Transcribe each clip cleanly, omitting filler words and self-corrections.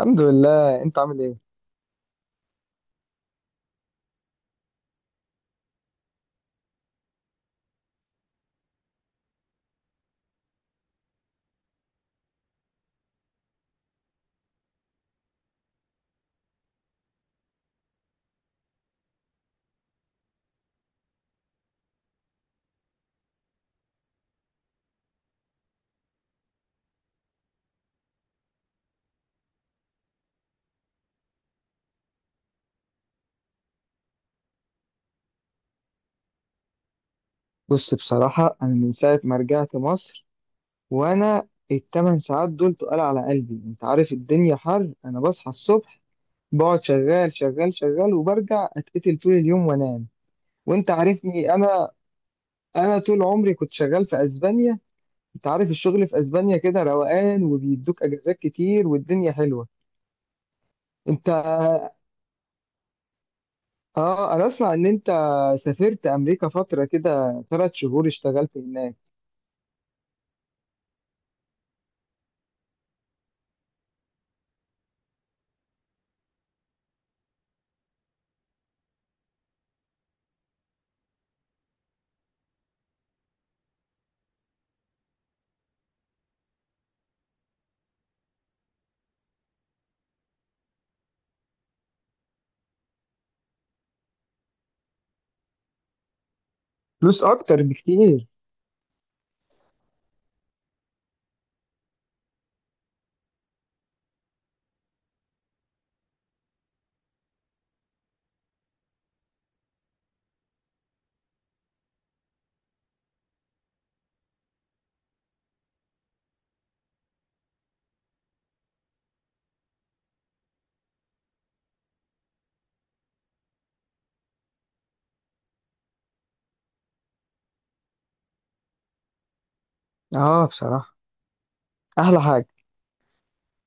الحمد لله. انت عامل ايه؟ بص، بصراحة انا من ساعة ما رجعت مصر، وانا الـ 8 ساعات دول تقال على قلبي. انت عارف الدنيا حر، انا بصحى الصبح بقعد شغال شغال شغال وبرجع اتقتل طول اليوم وانام. وانت عارفني انا، انا طول عمري كنت شغال في اسبانيا، انت عارف الشغل في اسبانيا كده روقان وبيدوك اجازات كتير والدنيا حلوة. انت اه، انا اسمع ان انت سافرت امريكا فترة كده، 3 شهور اشتغلت هناك. فلوس اكتر بكتير. اه بصراحة احلى حاجة.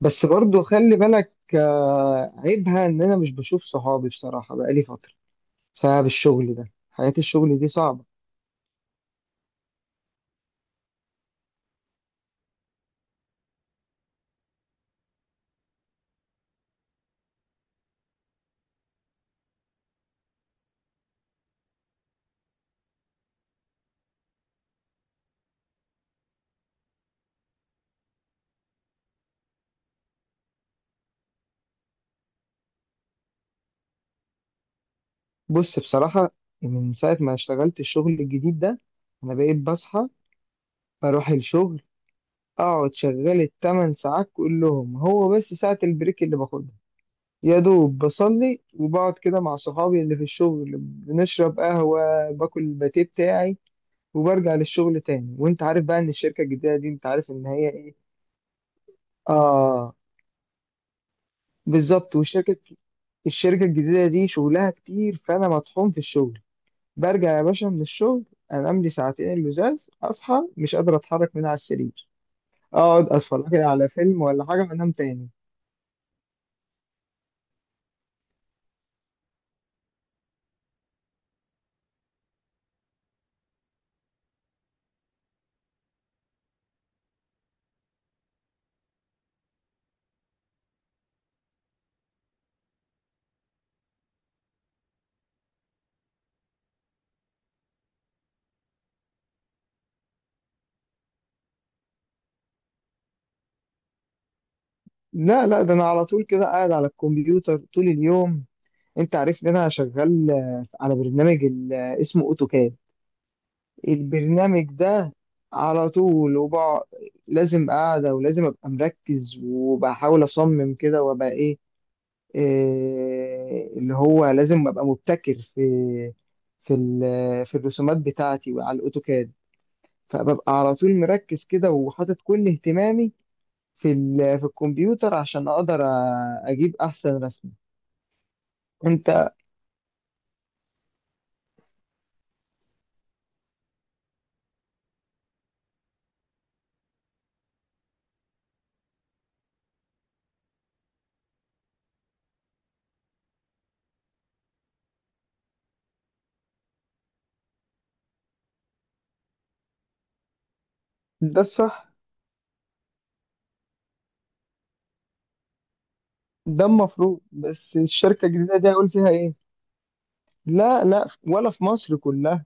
بس برضو خلي بالك، عيبها ان انا مش بشوف صحابي بصراحة، بقالي فترة بسبب الشغل ده. حياة الشغل دي صعبة. بص بصراحة، من ساعة ما اشتغلت الشغل الجديد ده انا بقيت بصحى اروح الشغل، اقعد شغال الـ 8 ساعات كلهم. هو بس ساعة البريك اللي باخدها، يا دوب بصلي وبقعد كده مع صحابي اللي في الشغل، بنشرب قهوة باكل الباتيه بتاعي وبرجع للشغل تاني. وانت عارف بقى ان الشركه الجديده دي، انت عارف ان هي ايه. اه بالظبط. والشركه، الشركه الجديده دي شغلها كتير، فانا مطحون في الشغل. برجع يا باشا من الشغل انام لي ساعتين اللزاز، اصحى مش قادر اتحرك من على السرير، اقعد اتفرج لي على فيلم ولا حاجه وانام تاني. لا لا، ده انا على طول كده قاعد على الكمبيوتر طول اليوم. انت عارف ان انا شغال على برنامج اسمه اوتوكاد. البرنامج ده على طول. وبقعد لازم قاعدة، ولازم أبقى مركز وبحاول أصمم كده، وأبقى إيه اللي هو لازم أبقى مبتكر في في الرسومات بتاعتي وعلى الأوتوكاد. فببقى على طول مركز كده وحاطط كل اهتمامي في الكمبيوتر، عشان أقدر أجيب أحسن رسمة. أنت ده الصح. ده المفروض، بس الشركة الجديدة دي هقول فيها إيه؟ لا لا، ولا في مصر كلها،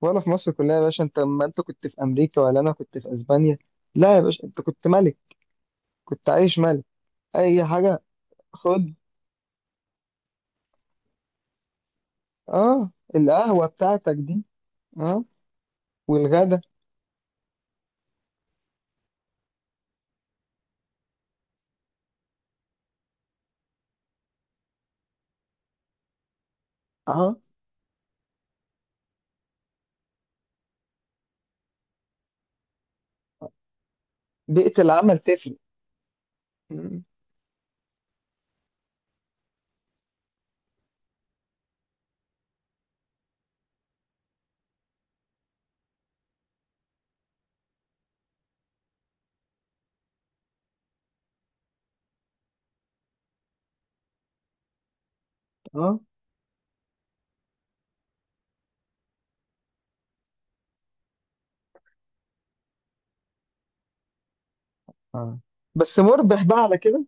ولا في مصر كلها يا باشا. ما انت كنت في امريكا ولا انا كنت في اسبانيا، لا يا باشا انت كنت ملك، كنت عايش ملك اي حاجه. خد، اه القهوه بتاعتك دي. اه والغدا. اه، بيئه العمل تفرق. مم. اه، اه، بس مربح بقى على كده.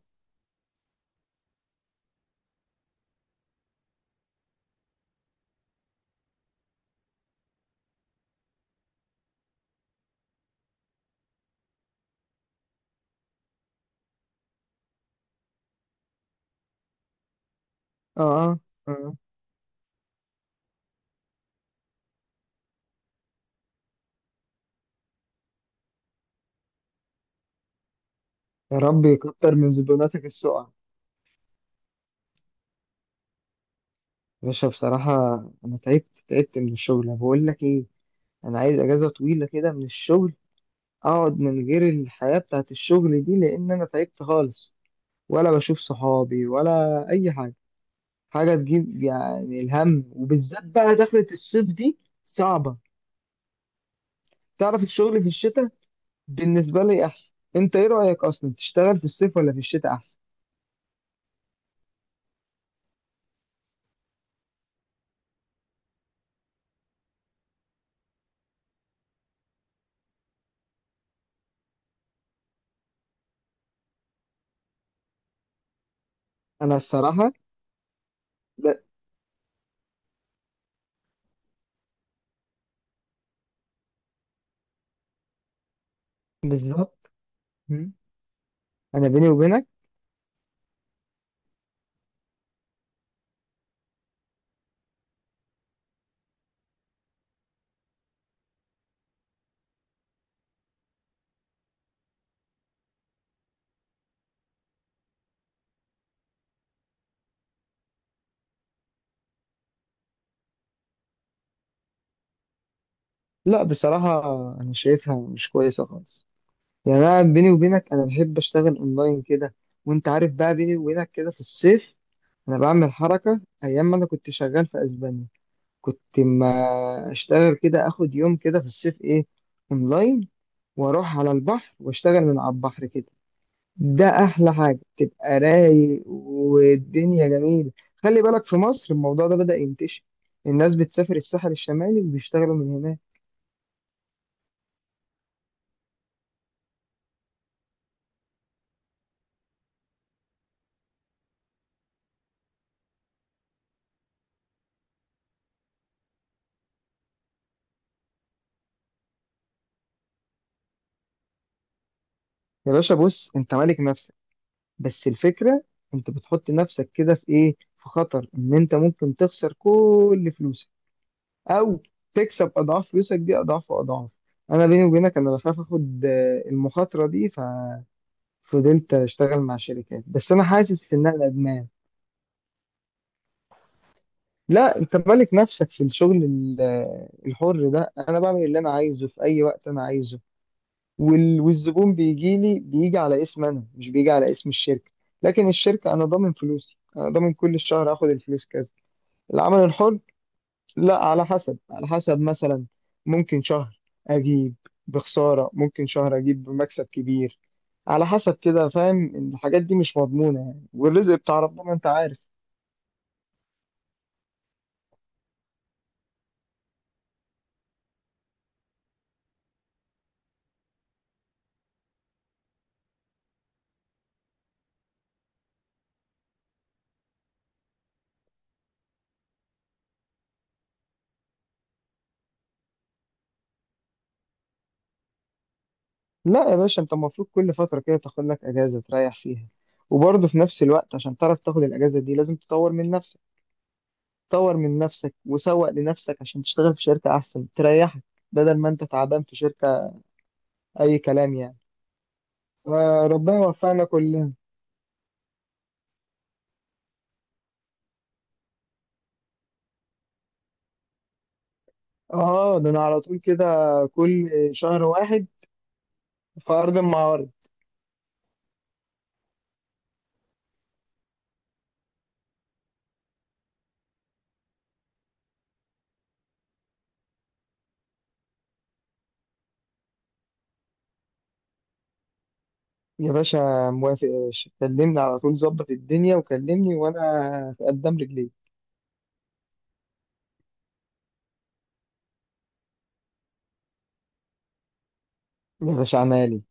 اه، اه. آه. يا رب يكتر من زبوناتك السقع يا باشا. بصراحه انا تعبت، تعبت من الشغل. أنا بقول لك ايه، انا عايز اجازه طويله كده من الشغل، اقعد من غير الحياه بتاعت الشغل دي، لان انا تعبت خالص، ولا بشوف صحابي ولا اي حاجه. حاجه تجيب يعني الهم، وبالذات بقى دخلة الصيف دي. صعبه. تعرف الشغل في الشتاء بالنسبه لي احسن. انت ايه رايك، اصلا تشتغل في الصيف ولا في الشتاء احسن؟ انا الصراحه، لا، بالظبط. مم. انا بيني وبينك، لا بصراحه انا شايفها مش كويسه خالص. يعني انا بيني وبينك انا بحب اشتغل اونلاين كده. وانت عارف بقى، بيني وبينك كده، في الصيف انا بعمل حركه ايام ما انا كنت شغال في اسبانيا. كنت ما اشتغل كده، اخد يوم كده في الصيف ايه، اونلاين، واروح على البحر واشتغل من على البحر كده. ده احلى حاجه، تبقى رايق والدنيا جميله. خلي بالك في مصر الموضوع ده بدأ ينتشر، الناس بتسافر الساحل الشمالي وبيشتغلوا من هناك. يا باشا بص، انت مالك نفسك، بس الفكره انت بتحط نفسك كده في ايه، في خطر ان انت ممكن تخسر كل فلوسك، او تكسب اضعاف فلوسك دي، اضعاف واضعاف. انا بيني وبينك انا بخاف اخد المخاطره دي، ففضلت اشتغل مع شركات، بس انا حاسس انها ادمان. لا، انت مالك نفسك في الشغل الحر ده، انا بعمل اللي انا عايزه في اي وقت انا عايزه. والزبون بيجي لي، بيجي على اسم انا، مش بيجي على اسم الشركه. لكن الشركه انا ضامن فلوسي، انا ضامن كل شهر اخد الفلوس كذا. العمل الحر، لا على حسب، مثلا ممكن شهر اجيب بخسارة، ممكن شهر اجيب بمكسب كبير، على حسب كده. فاهم؟ الحاجات دي مش مضمونة يعني، والرزق بتاع ربنا انت عارف. لا يا باشا، انت المفروض كل فترة كده تاخد لك اجازة تريح فيها، وبرضه في نفس الوقت عشان تعرف تاخد الاجازة دي لازم تطور من نفسك. تطور من نفسك وسوق لنفسك عشان تشتغل في شركة احسن تريحك، بدل ما انت تعبان في شركة اي كلام يعني. فربنا يوفقنا كلنا. اه ده انا على طول كده، كل شهر واحد في ارض المعارض. يا باشا موافق يا باشا، كلمني على طول، ظبط الدنيا وكلمني وانا في قدام رجليك. يا باشا عنالي.